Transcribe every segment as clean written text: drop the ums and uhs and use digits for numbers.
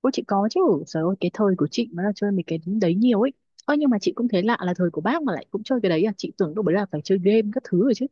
Ôi chị có chứ, trời ơi cái thời của chị mà là chơi mấy cái đấy nhiều ấy. Ơ nhưng mà chị cũng thấy lạ là thời của bác mà lại cũng chơi cái đấy à, chị tưởng đâu đấy là phải chơi game các thứ rồi chứ.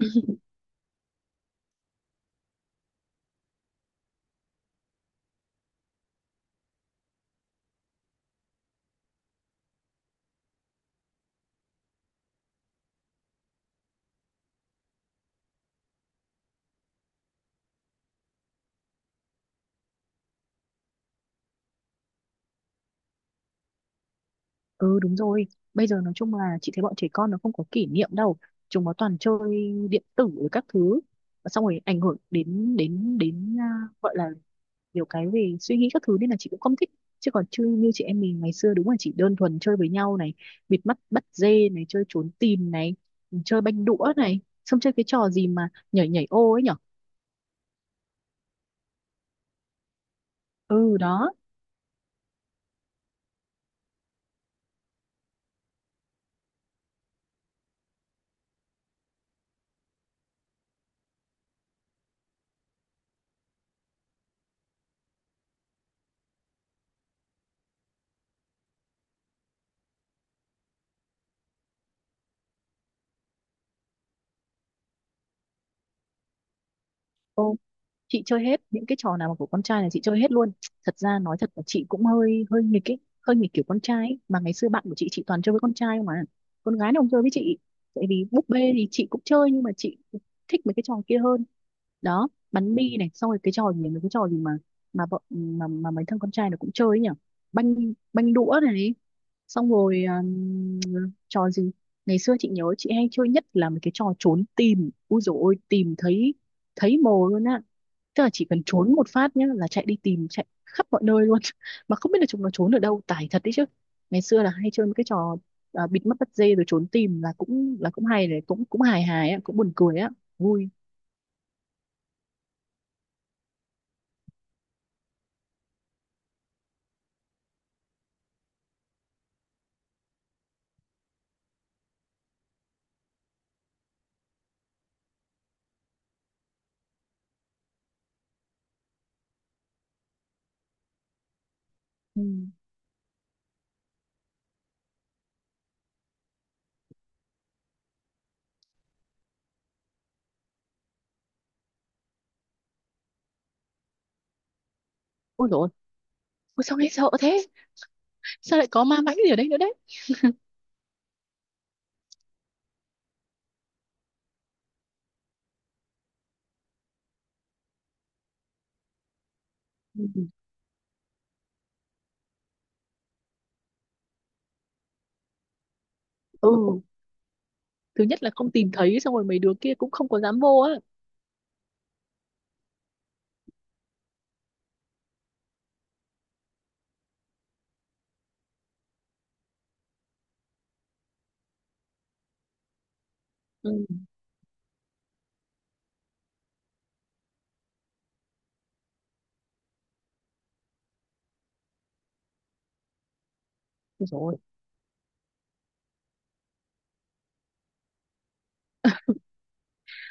Ừ đúng rồi, bây giờ nói chung là chị thấy bọn trẻ con nó không có kỷ niệm đâu, chúng nó toàn chơi điện tử rồi các thứ, và xong rồi ảnh hưởng đến đến đến à, gọi là nhiều cái về suy nghĩ các thứ nên là chị cũng không thích, chứ còn chưa như chị em mình ngày xưa đúng là chỉ đơn thuần chơi với nhau này, bịt mắt bắt dê này, chơi trốn tìm này, chơi banh đũa này, xong chơi cái trò gì mà nhảy nhảy ô ấy nhở. Ừ đó. Ô, chị chơi hết những cái trò nào mà của con trai là chị chơi hết luôn. Thật ra nói thật là chị cũng hơi hơi nghịch ấy, hơi nghịch kiểu con trai ấy. Mà ngày xưa bạn của chị toàn chơi với con trai không mà, con gái nó không chơi với chị. Tại vì búp bê thì chị cũng chơi nhưng mà chị thích mấy cái trò kia hơn. Đó, bắn bi này, xong rồi cái trò gì, mấy cái trò gì mà bọn mà mấy thằng con trai nó cũng chơi ấy nhỉ, banh banh đũa này, xong rồi trò gì, ngày xưa chị nhớ chị hay chơi nhất là mấy cái trò trốn tìm, ui dồi ôi tìm thấy, thấy mồ luôn á. Tức là chỉ cần trốn một phát nhá là chạy đi tìm, chạy khắp mọi nơi luôn mà không biết là chúng nó trốn ở đâu, tải thật đấy chứ. Ngày xưa là hay chơi mấy cái trò, bịt mắt bắt dê rồi trốn tìm là cũng hay đấy, cũng cũng hài hài á, cũng buồn cười á, vui. Ừ. Ôi dồi ôi. Sao nghe sợ thế, sao lại có ma mãnh gì ở đây nữa đấy. Ừ. Ừ, thứ nhất là không tìm thấy, xong rồi mấy đứa kia cũng không có dám vô á. Ừ. Ôi dồi ôi.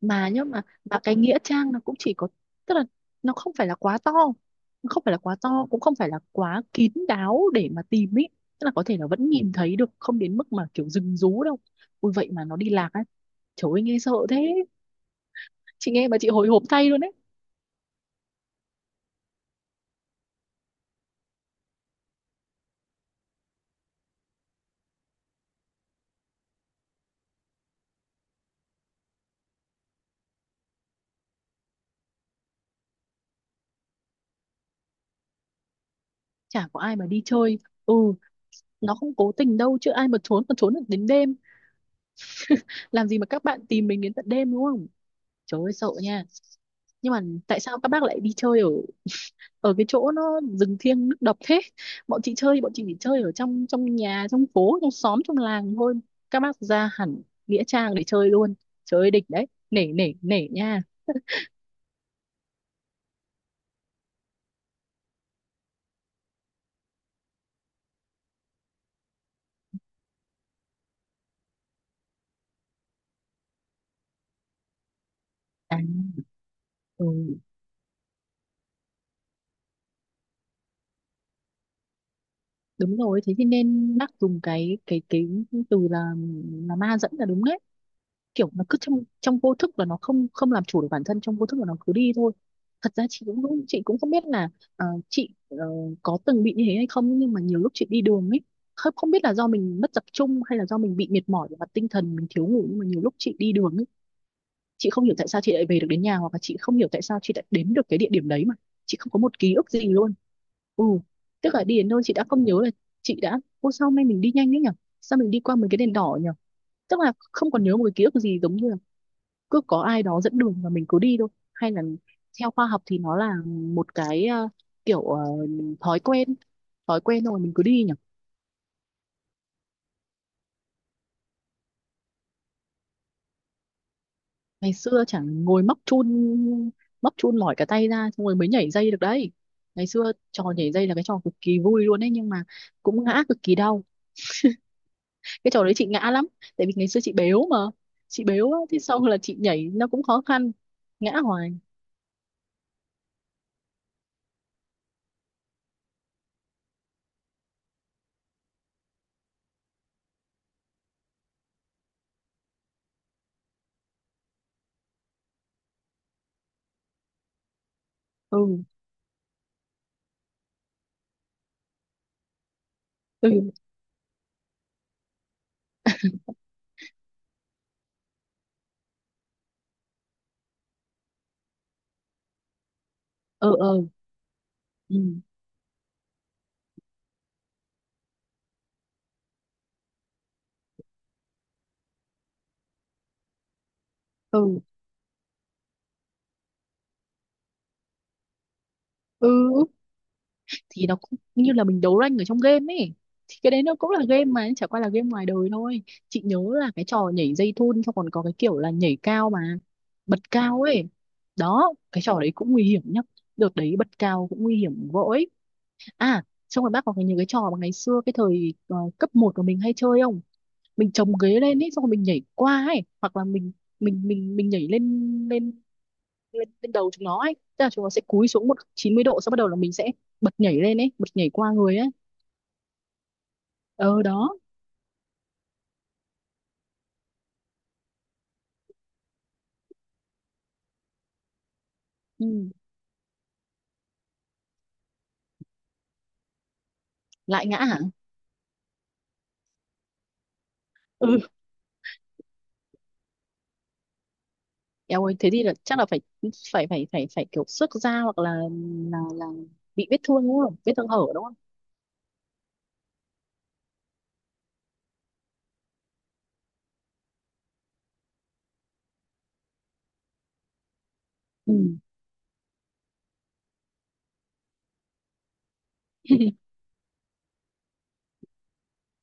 Mà nhớ mà cái nghĩa trang nó cũng chỉ có, tức là nó không phải là quá to, nó không phải là quá to, cũng không phải là quá kín đáo để mà tìm ý. Tức là có thể là vẫn nhìn thấy được, không đến mức mà kiểu rừng rú đâu. Ui vậy mà nó đi lạc á, trời ơi nghe sợ thế, chị nghe mà chị hồi hộp thay luôn đấy. Chả có ai mà đi chơi. Ừ. Nó không cố tình đâu chứ ai mà trốn còn trốn được đến đêm, làm gì mà các bạn tìm mình đến tận đêm đúng không. Trời ơi sợ nha. Nhưng mà tại sao các bác lại đi chơi ở ở cái chỗ nó rừng thiêng nước độc thế. Bọn chị chơi thì bọn chị chỉ chơi ở trong trong nhà, trong phố, trong xóm, trong làng thôi. Các bác ra hẳn nghĩa trang để chơi luôn. Chơi địch đấy, nể nể nể nha. À ừ, đúng rồi, thế thì nên bác dùng cái từ là ma dẫn là đúng đấy. Kiểu nó cứ trong trong vô thức và nó không không làm chủ được bản thân trong vô thức và nó cứ đi thôi. Thật ra chị cũng chị cũng không biết là, chị có từng bị như thế hay không, nhưng mà nhiều lúc chị đi đường ấy, không không biết là do mình mất tập trung hay là do mình bị mệt mỏi về mặt tinh thần, mình thiếu ngủ, nhưng mà nhiều lúc chị đi đường ấy chị không hiểu tại sao chị lại về được đến nhà, hoặc là chị không hiểu tại sao chị lại đến được cái địa điểm đấy mà chị không có một ký ức gì luôn. Ừ. Tức là đi đến nơi chị đã không nhớ là chị đã, ô sao hôm nay mình đi nhanh đấy nhở, sao mình đi qua mấy cái đèn đỏ nhở, tức là không còn nhớ một cái ký ức gì, giống như là cứ có ai đó dẫn đường và mình cứ đi thôi. Hay là theo khoa học thì nó là một cái, kiểu thói quen, rồi mình cứ đi nhỉ. Ngày xưa chẳng ngồi móc chun, móc chun mỏi cả tay ra xong rồi mới nhảy dây được đấy. Ngày xưa trò nhảy dây là cái trò cực kỳ vui luôn đấy, nhưng mà cũng ngã cực kỳ đau. Cái trò đấy chị ngã lắm, tại vì ngày xưa chị béo mà, chị béo á, thế sau là chị nhảy nó cũng khó khăn, ngã hoài. Ừ, ừ, ừ, ừ, ừ, ừ, ừ. Thì nó cũng như là mình đấu rank ở trong game ấy, thì cái đấy nó cũng là game mà chả qua là game ngoài đời thôi. Chị nhớ là cái trò nhảy dây thun xong còn có cái kiểu là nhảy cao mà, bật cao ấy. Đó, cái trò đấy cũng nguy hiểm nhá, đợt đấy bật cao cũng nguy hiểm vội. À, xong rồi bác có cái những cái trò mà ngày xưa cái thời cấp một của mình hay chơi không. Mình chồng ghế lên ấy xong rồi mình nhảy qua ấy, hoặc là mình nhảy lên đầu chúng nó ấy, tức là chúng nó sẽ cúi xuống một 90 độ sau bắt đầu là mình sẽ bật nhảy lên ấy, bật nhảy qua người ấy. Ờ đó. Ừ. Lại ngã hả. Ừ, eo ơi thế thì là chắc là phải phải phải phải phải kiểu xước da hoặc là là là bị vết thương đúng không, vết thương hở đúng không. Ừ.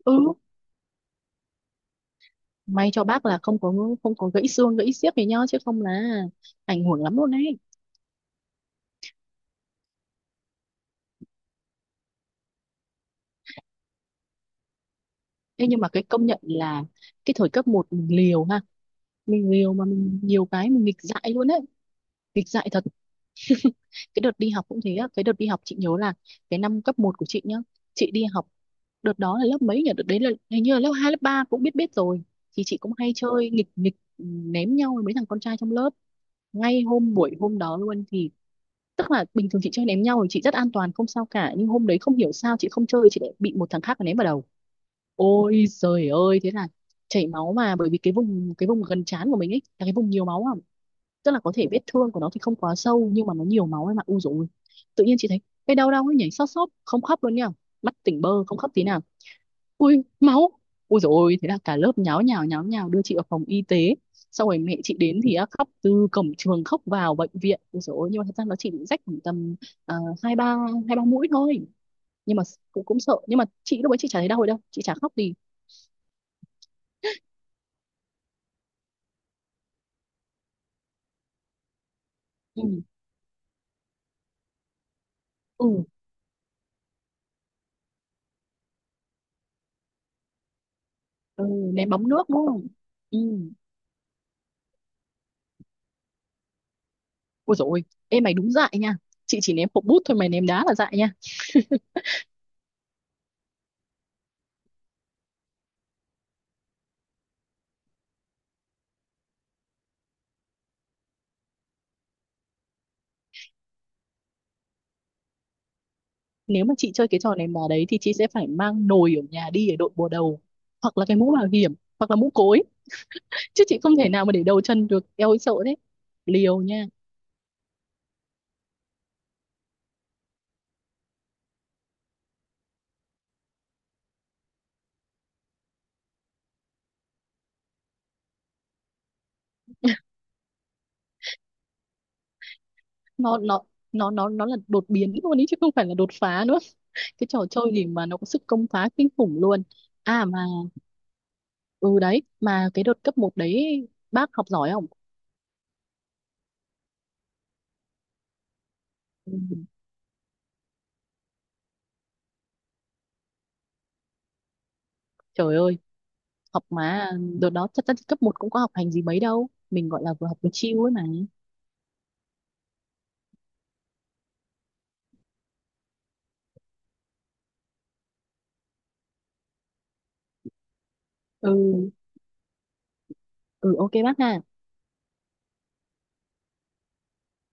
Ừ, may cho bác là không có gãy xương gãy xiếc gì nhá, chứ không là ảnh hưởng lắm luôn đấy. Thế nhưng mà cái công nhận là cái thời cấp một mình liều ha, mình liều mà mình nhiều cái mình nghịch dại luôn đấy, nghịch dại thật. Cái đợt đi học cũng thế á, cái đợt đi học chị nhớ là cái năm cấp một của chị nhá, chị đi học đợt đó là lớp mấy nhỉ, đợt đấy là hình như là lớp 2 lớp 3 cũng biết biết rồi. Thì chị cũng hay chơi nghịch nghịch, ném nhau với mấy thằng con trai trong lớp. Ngay hôm buổi hôm đó luôn thì, tức là bình thường chị chơi ném nhau thì chị rất an toàn không sao cả, nhưng hôm đấy không hiểu sao chị không chơi chị lại bị một thằng khác ném vào đầu. Ôi trời ơi thế là chảy máu, mà bởi vì cái vùng gần trán của mình ấy là cái vùng nhiều máu à, tức là có thể vết thương của nó thì không quá sâu nhưng mà nó nhiều máu em ạ u rồi. Tự nhiên chị thấy cái đau đau ấy nhảy xót xót không khóc luôn nha, mắt tỉnh bơ không khóc tí nào. Ui máu, ui dồi ôi thế là cả lớp nháo nhào đưa chị vào phòng y tế. Sau rồi mẹ chị đến thì á, khóc từ cổng trường khóc vào bệnh viện, ui dồi ôi. Nhưng mà thật ra nó chỉ bị rách khoảng tầm ờ, hai ba 2-3 mũi thôi, nhưng mà cũng cũng sợ, nhưng mà chị lúc ấy chị chả thấy đau rồi đâu, chị chả khóc gì. Ừ, ừ, ừ. Ném bóng nước đúng không. Ừ. Ôi dồi ôi, em mày đúng dại nha. Chị chỉ ném hộp bút thôi, mày ném đá là dại nha. Nếu mà chị chơi cái trò ném đá đấy thì chị sẽ phải mang nồi ở nhà đi để đội bùa đầu. Hoặc là cái mũ bảo hiểm, hoặc là mũ cối. Chứ chị không thể nào mà để đầu chân được. Eo ơi sợ thế. Liều nha. Nó nó nó là đột biến luôn ý chứ không phải là đột phá nữa. Cái trò chơi gì mà nó có sức công phá kinh khủng luôn. À mà, ừ đấy, mà cái đợt cấp một đấy bác học giỏi không? Ừ, trời ơi học mà, đợt đó thật ra thì cấp một cũng có học hành gì mấy đâu, mình gọi là vừa học vừa chill ấy mà. Ừ, ừ, ok bác ha.